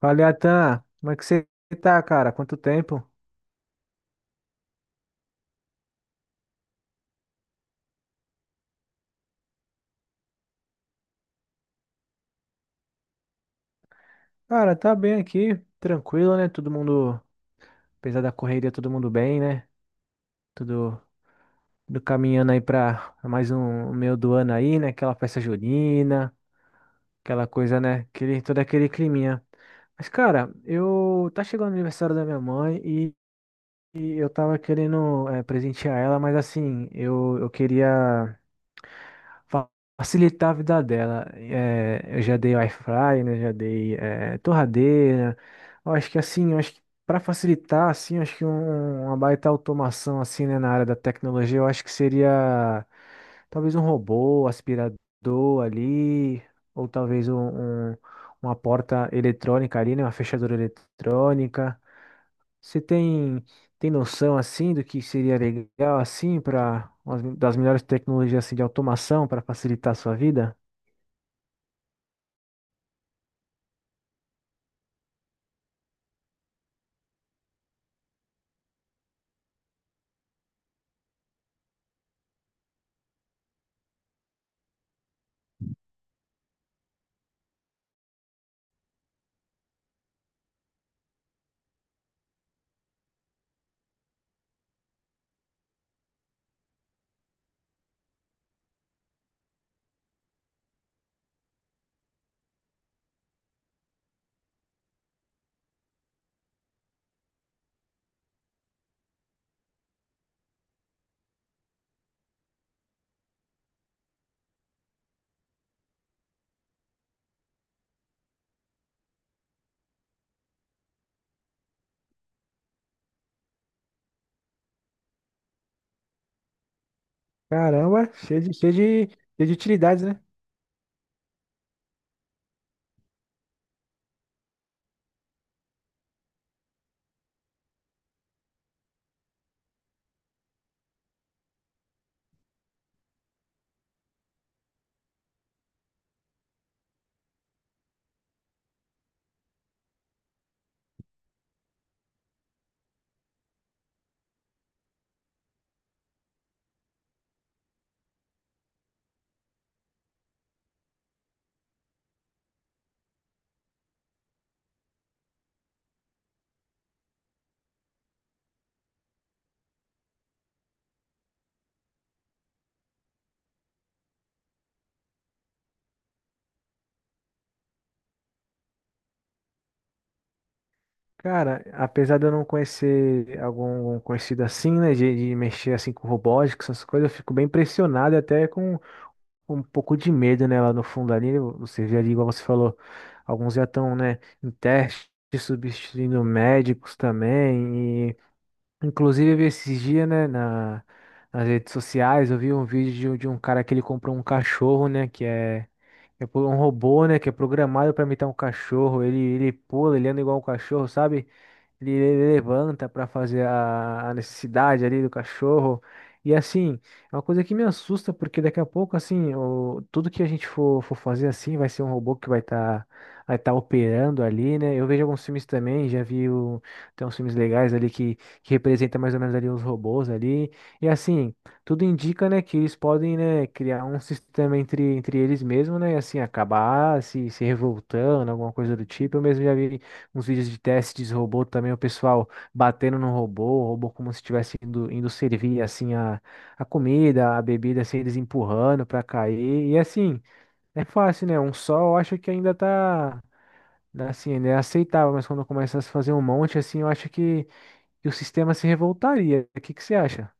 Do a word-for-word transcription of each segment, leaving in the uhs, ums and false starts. Fala, Atan, como é que você tá, cara? Quanto tempo? Cara, tá bem aqui, tranquilo, né? Todo mundo, apesar da correria, todo mundo bem, né? Tudo, tudo caminhando aí pra mais um meio do ano aí, né? Aquela festa junina, aquela coisa, né? Aquele, todo aquele climinha. Mas, cara, eu tá chegando o aniversário da minha mãe e, e eu tava querendo eh, presentear ela, mas assim, eu, eu queria fa- facilitar a vida dela. É, eu já dei air fry, né? Já dei é, torradeira. Eu acho que assim, eu acho que para facilitar, assim, eu acho que um- uma baita automação assim, né, na área da tecnologia, eu acho que seria talvez um robô, aspirador ali, ou talvez um, um- uma porta eletrônica ali, né? Uma fechadura eletrônica. Você tem, tem noção assim do que seria legal assim para das melhores tecnologias assim, de automação para facilitar a sua vida? Caramba, cheio de, cheio de, cheio de utilidades, né? Cara, apesar de eu não conhecer algum conhecido assim, né, de, de mexer assim com robótica, essas coisas, eu fico bem impressionado e até com, um pouco de medo, né, lá no fundo ali, né? Você vê ali, igual você falou, alguns já estão, né, em teste, substituindo médicos também. Inclusive, eu vi esses dias, né, na, nas redes sociais, eu vi um vídeo de, um de um cara que ele comprou um cachorro, né, que é, é por- um robô, né, que é programado para imitar um cachorro. Ele, ele pula, ele anda igual um cachorro, sabe? ele ele levanta para fazer a, a necessidade ali do cachorro. E assim, é uma coisa que me assusta, porque daqui a pouco, assim, o, tudo que a gente for, for fazer assim vai ser um robô que vai estar vai tá operando ali, né? Eu vejo alguns filmes também, já vi o, tem uns filmes legais ali que, que representam mais ou menos ali os robôs ali. E assim, tudo indica, né, que eles podem, né, criar um sistema entre, entre eles mesmos, né? E assim, acabar se, se revoltando, alguma coisa do tipo. Eu mesmo já vi uns vídeos de testes de robô também, o pessoal batendo no robô, o robô como se estivesse indo, indo servir assim a, a comida, a bebida, assim, eles empurrando para cair. E assim, é fácil, né? Um só eu acho que ainda tá né, assim, né, aceitável, mas quando começa a se fazer um monte assim, eu acho que, que o sistema se revoltaria. O que que você acha?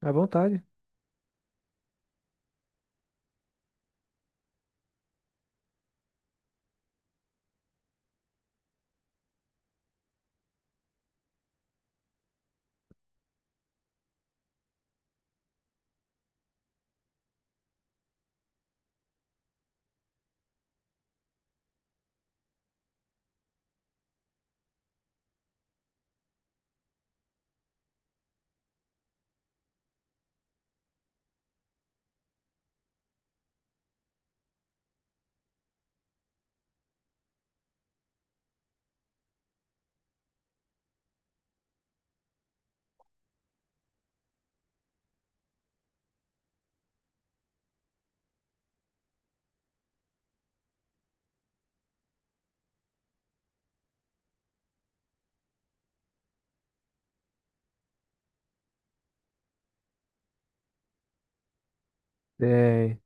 À vontade. É,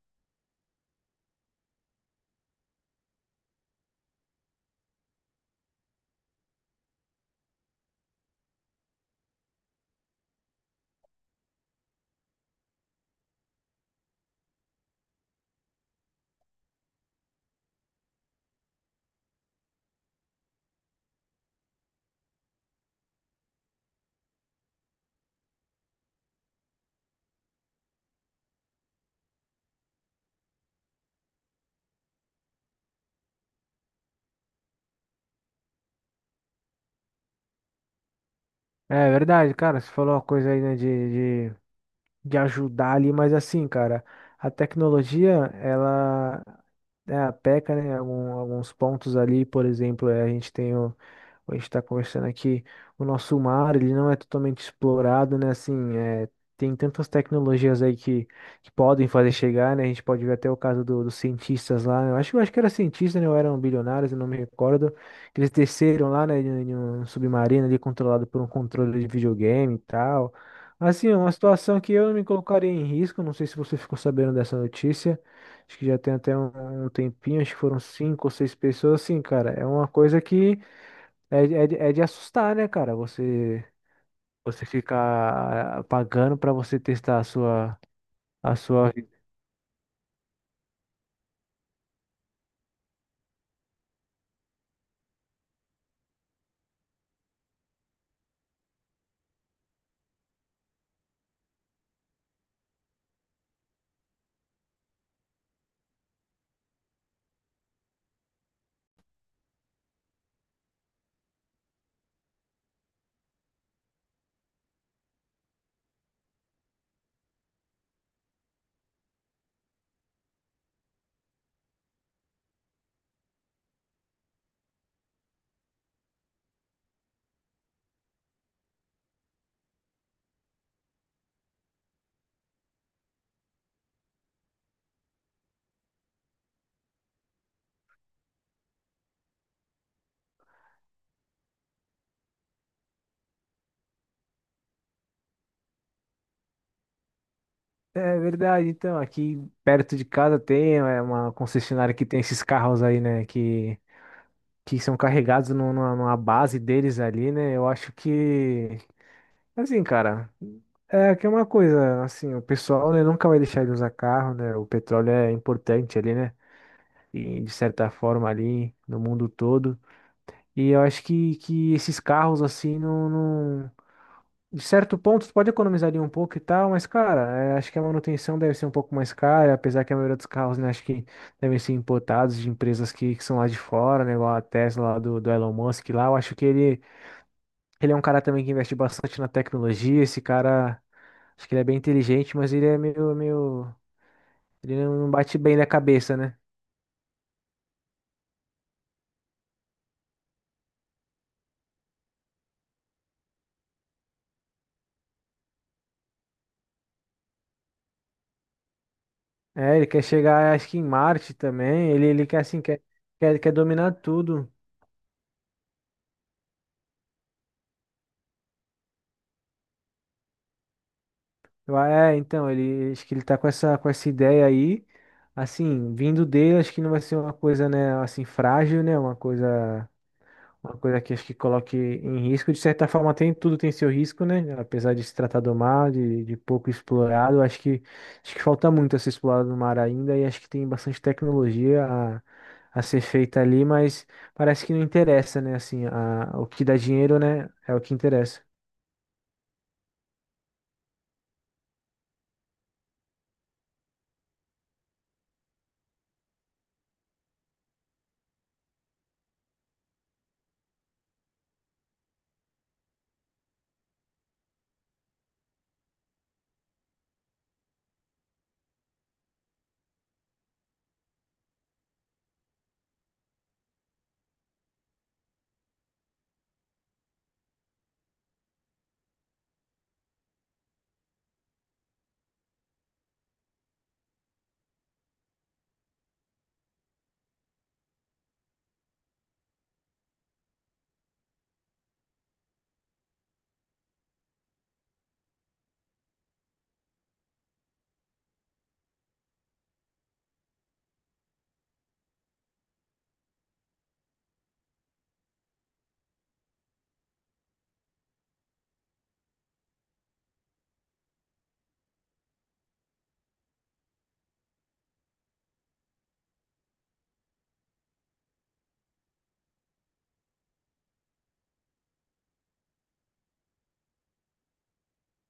é verdade, cara, você falou uma coisa aí, né, de, de, de ajudar ali, mas assim, cara, a tecnologia, ela é, peca, né? Algum- alguns pontos ali, por exemplo, é, a gente tem o, a gente está conversando aqui, o nosso mar, ele não é totalmente explorado, né? Assim, é, tem tantas tecnologias aí que, que podem fazer chegar, né? A gente pode ver até o caso do- dos cientistas lá, né? Eu acho, eu acho que era cientista, né? Ou eram bilionários, eu não me recordo. Eles desceram lá, né? Em em um submarino ali controlado por um controle de videogame e tal. Assim, é uma situação que eu não me colocaria em risco. Não sei se você ficou sabendo dessa notícia. Acho que já tem até um, um tempinho, acho que foram cinco ou seis pessoas. Assim, cara, é uma coisa que é, de- é, de é de assustar, né, cara? Você você ficar pagando pra você testar a sua a sua vida. É verdade. Então, aqui perto de casa tem é, uma concessionária que tem esses carros aí, né, que que são carregados num- numa, numa base deles ali, né? Eu acho que assim, cara, é que é uma coisa, assim, o pessoal, né, nunca vai deixar de usar carro, né? O petróleo é importante ali, né? E de certa forma ali no mundo todo. E eu acho que, que esses carros, assim, não, não- de certo ponto, tu pode economizar ali um pouco e tal, mas, cara, é, acho que a manutenção deve ser um pouco mais cara, apesar que a maioria dos carros, né, acho que devem ser importados de empresas que, que são lá de fora, né, igual a Tesla lá do, do Elon Musk lá. Eu acho que ele, ele é um cara também que investe bastante na tecnologia, esse cara, acho que ele é bem inteligente, mas ele é meio, meio... Ele não não bate bem na cabeça, né? É, ele quer chegar, acho que em Marte também, ele, ele quer, assim, quer, quer, quer dominar tudo. Eu- É, então, ele acho que ele tá com essa, com essa ideia aí. Assim, vindo dele, acho que não vai ser uma coisa, né, assim, frágil, né? Uma coisa, uma coisa que acho que coloque em risco. De certa forma, tem tudo tem seu risco, né? Apesar de se tratar do mar, de, de pouco explorado, acho que acho que falta muito a ser explorado no mar ainda e acho que tem bastante tecnologia a, a ser feita ali, mas parece que não interessa, né? Assim, a, o que dá dinheiro, né, é o que interessa.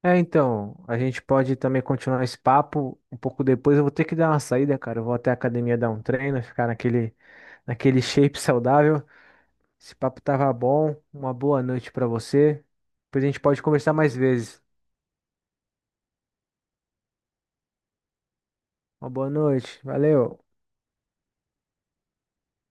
É, então, a gente pode também continuar esse papo um pouco depois. Eu vou ter que dar uma saída, cara. Eu vou até a academia dar um treino, ficar naquele, naquele shape saudável. Esse papo tava bom. Uma boa noite pra você. Depois a gente pode conversar mais vezes. Uma boa noite. Valeu.